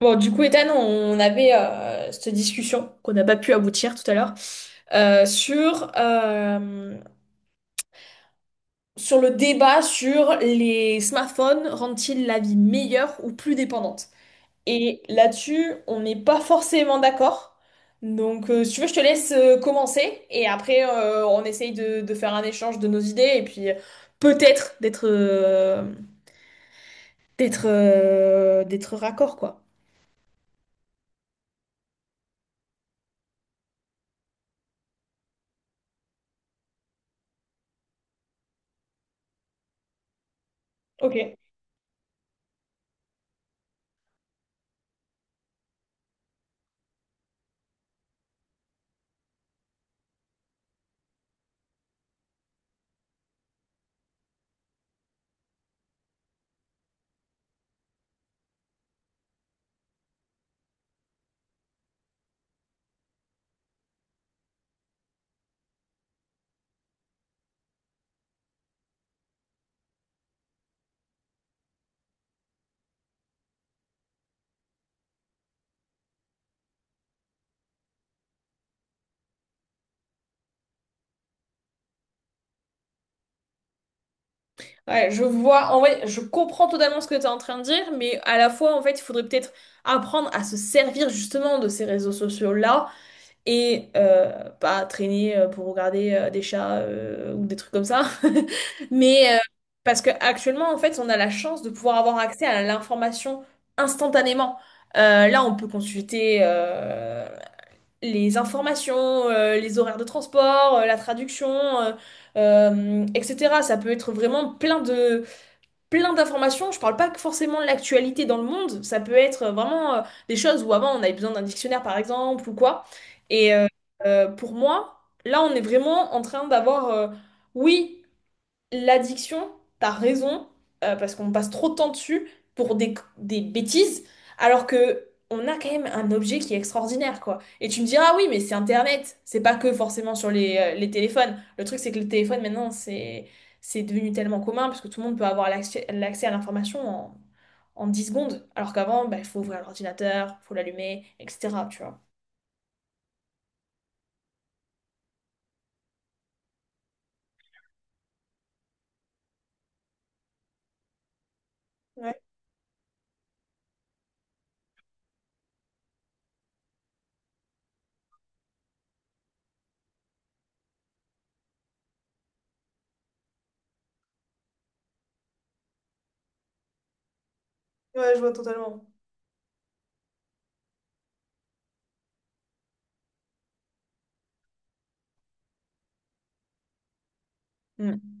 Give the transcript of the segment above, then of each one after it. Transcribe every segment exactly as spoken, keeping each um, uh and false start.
Bon, du coup, Ethan, on avait euh, cette discussion qu'on n'a pas pu aboutir tout à l'heure euh, sur, euh, sur le débat sur les smartphones rendent-ils la vie meilleure ou plus dépendante? Et là-dessus, on n'est pas forcément d'accord. Donc, euh, si tu veux, je te laisse euh, commencer et après, euh, on essaye de, de faire un échange de nos idées et puis euh, peut-être d'être euh, d'être euh, d'être raccord, quoi. Ok. Ouais, je vois, en vrai, je comprends totalement ce que tu es en train de dire, mais à la fois, en fait, il faudrait peut-être apprendre à se servir justement de ces réseaux sociaux-là et euh, pas traîner euh, pour regarder euh, des chats euh, ou des trucs comme ça. Mais euh, parce que actuellement, en fait, on a la chance de pouvoir avoir accès à l'information instantanément. Euh, là, on peut consulter euh, les informations, euh, les horaires de transport, euh, la traduction, euh, euh, et cetera. Ça peut être vraiment plein de plein d'informations. Je parle pas que forcément de l'actualité dans le monde. Ça peut être euh, vraiment euh, des choses où avant on avait besoin d'un dictionnaire par exemple ou quoi. Et euh, euh, pour moi, là on est vraiment en train d'avoir, euh, oui, l'addiction, t'as raison, euh, parce qu'on passe trop de temps dessus pour des, des bêtises, alors que on a quand même un objet qui est extraordinaire, quoi. Et tu me diras, ah oui, mais c'est Internet, c'est pas que forcément sur les, euh, les téléphones. Le truc, c'est que le téléphone, maintenant, c'est, c'est devenu tellement commun, parce que tout le monde peut avoir l'accès l'accès à l'information en, en dix secondes, alors qu'avant, bah, il faut ouvrir l'ordinateur, il faut l'allumer, et cetera, tu vois. Ouais, ouais, je vois totalement. Mm.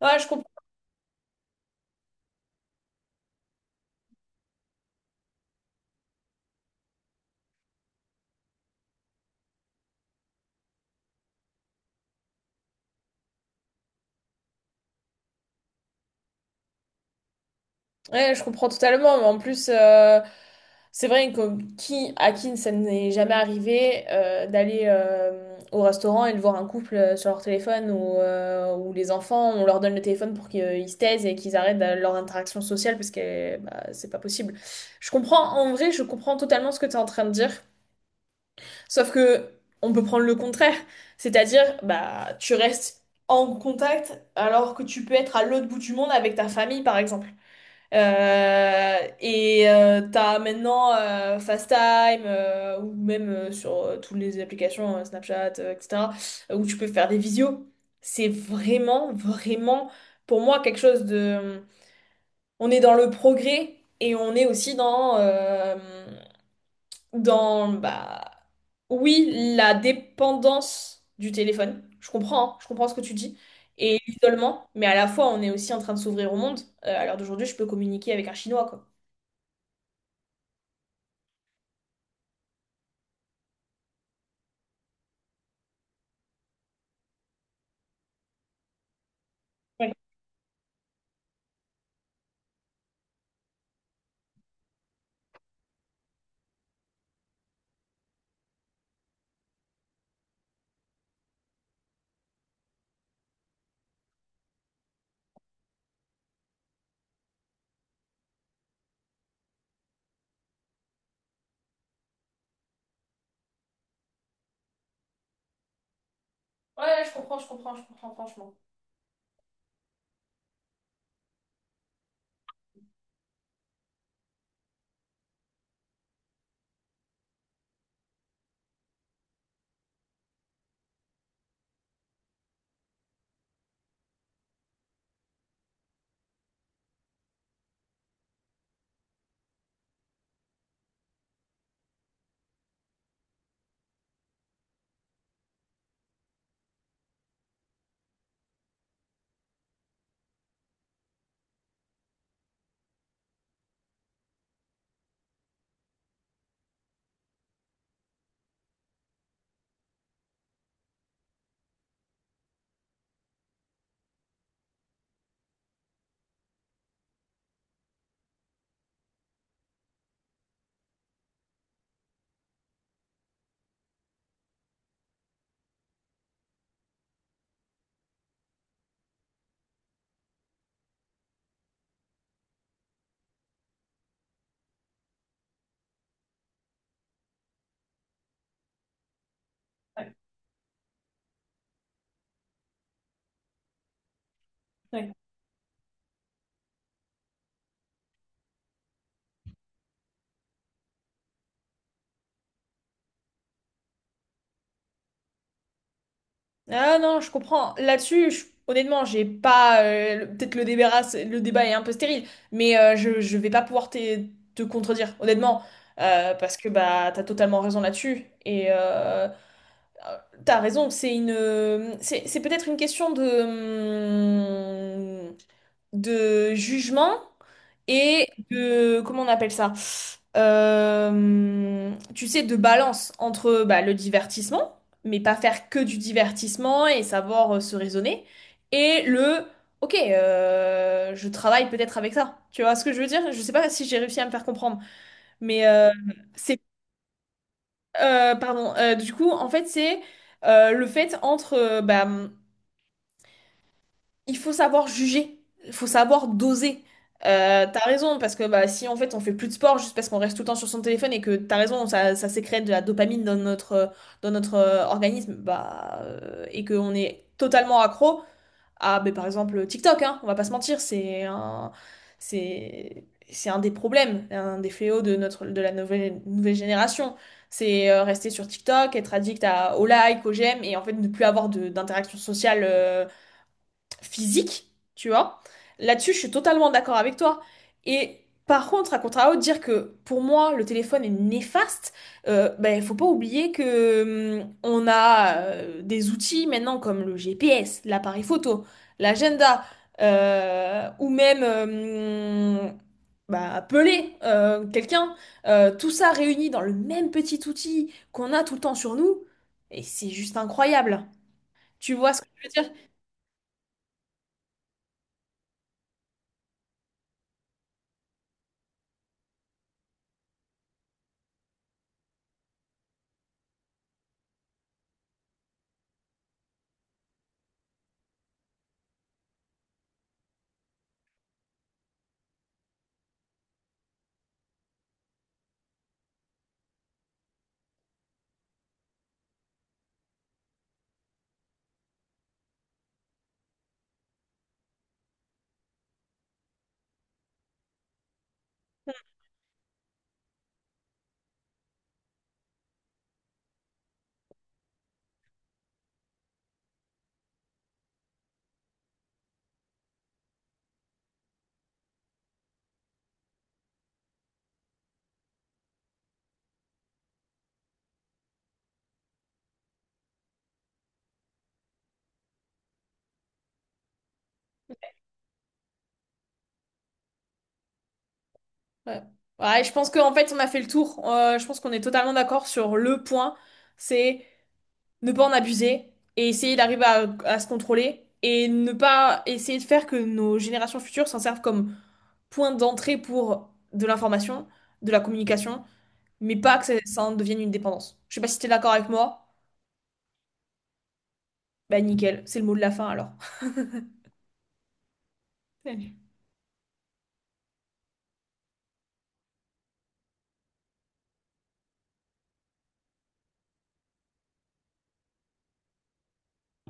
Ouais, je comprends. Ouais, je comprends totalement, mais en plus, euh, c'est vrai que qui, à qui ça n'est jamais arrivé euh, d'aller euh, au restaurant et de voir un couple euh, sur leur téléphone ou, euh, ou les enfants, on leur donne le téléphone pour qu'ils ils se taisent et qu'ils arrêtent euh, leur interaction sociale parce que bah, c'est pas possible. Je comprends, en vrai, je comprends totalement ce que tu es en train de dire, sauf que on peut prendre le contraire, c'est-à-dire, bah, tu restes en contact alors que tu peux être à l'autre bout du monde avec ta famille, par exemple. Euh, et euh, t'as maintenant euh, FaceTime euh, ou même euh, sur euh, toutes les applications euh, Snapchat, euh, et cetera, euh, où tu peux faire des visios. C'est vraiment, vraiment, pour moi, quelque chose de... On est dans le progrès et on est aussi dans... euh, dans bah, oui, la dépendance du téléphone. Je comprends, hein, je comprends ce que tu dis. Et l'isolement, mais à la fois, on est aussi en train de s'ouvrir au monde. Euh, à l'heure d'aujourd'hui, je peux communiquer avec un Chinois, quoi. Ouais, ouais, je comprends, je comprends, je comprends, franchement. Ouais. Ouais. Ah non, je comprends. Là-dessus, je- honnêtement, j'ai pas. Euh, le- peut-être le débat, c'est- le débat est un peu stérile, mais euh, je, je vais pas pouvoir te, te contredire, honnêtement, euh, parce que bah t'as totalement raison là-dessus. Et euh, t'as raison, c'est une, c'est c'est peut-être une question de. hum, de jugement et de, comment on appelle ça? Euh, tu sais, de balance entre bah, le divertissement, mais pas faire que du divertissement et savoir euh, se raisonner, et le, ok, euh, je travaille peut-être avec ça. Tu vois ce que je veux dire? Je sais pas si j'ai réussi à me faire comprendre, mais euh, c'est, euh, pardon. Euh, du coup, en fait, c'est euh, le fait entre, euh, bah, il faut savoir juger, il faut savoir doser. Euh, t'as raison, parce que bah, si en fait on fait plus de sport juste parce qu'on reste tout le temps sur son téléphone et que t'as raison, ça, ça sécrète de la dopamine dans notre, euh, dans notre euh, organisme, bah, euh, et qu'on est totalement accro à bah, par exemple TikTok, hein, on va pas se mentir, c'est un, c'est, c'est un des problèmes, un des fléaux de, notre, de la nouvelle, nouvelle génération. C'est euh, rester sur TikTok, être addict à, aux likes, aux j'aime et en fait ne plus avoir de- d'interaction sociale euh, physique, tu vois. Là-dessus, je suis totalement d'accord avec toi. Et par contre, à contrario, dire que pour moi, le téléphone est néfaste, euh, ben, faut pas oublier que hum, on a euh, des outils maintenant comme le G P S, l'appareil photo, l'agenda, euh, ou même euh, hum, bah, appeler euh, quelqu'un. Euh, tout ça réuni dans le même petit outil qu'on a tout le temps sur nous, et c'est juste incroyable. Tu vois ce que je veux dire? Ouais. Ouais, je pense qu'en fait, on a fait le tour. Euh, je pense qu'on est totalement d'accord sur le point. C'est ne pas en abuser et essayer d'arriver à, à se contrôler et ne pas essayer de faire que nos générations futures s'en servent comme point d'entrée pour de l'information, de la communication, mais pas que ça, ça en devienne une dépendance. Je sais pas si t'es d'accord avec moi. Bah nickel, c'est le mot de la fin alors.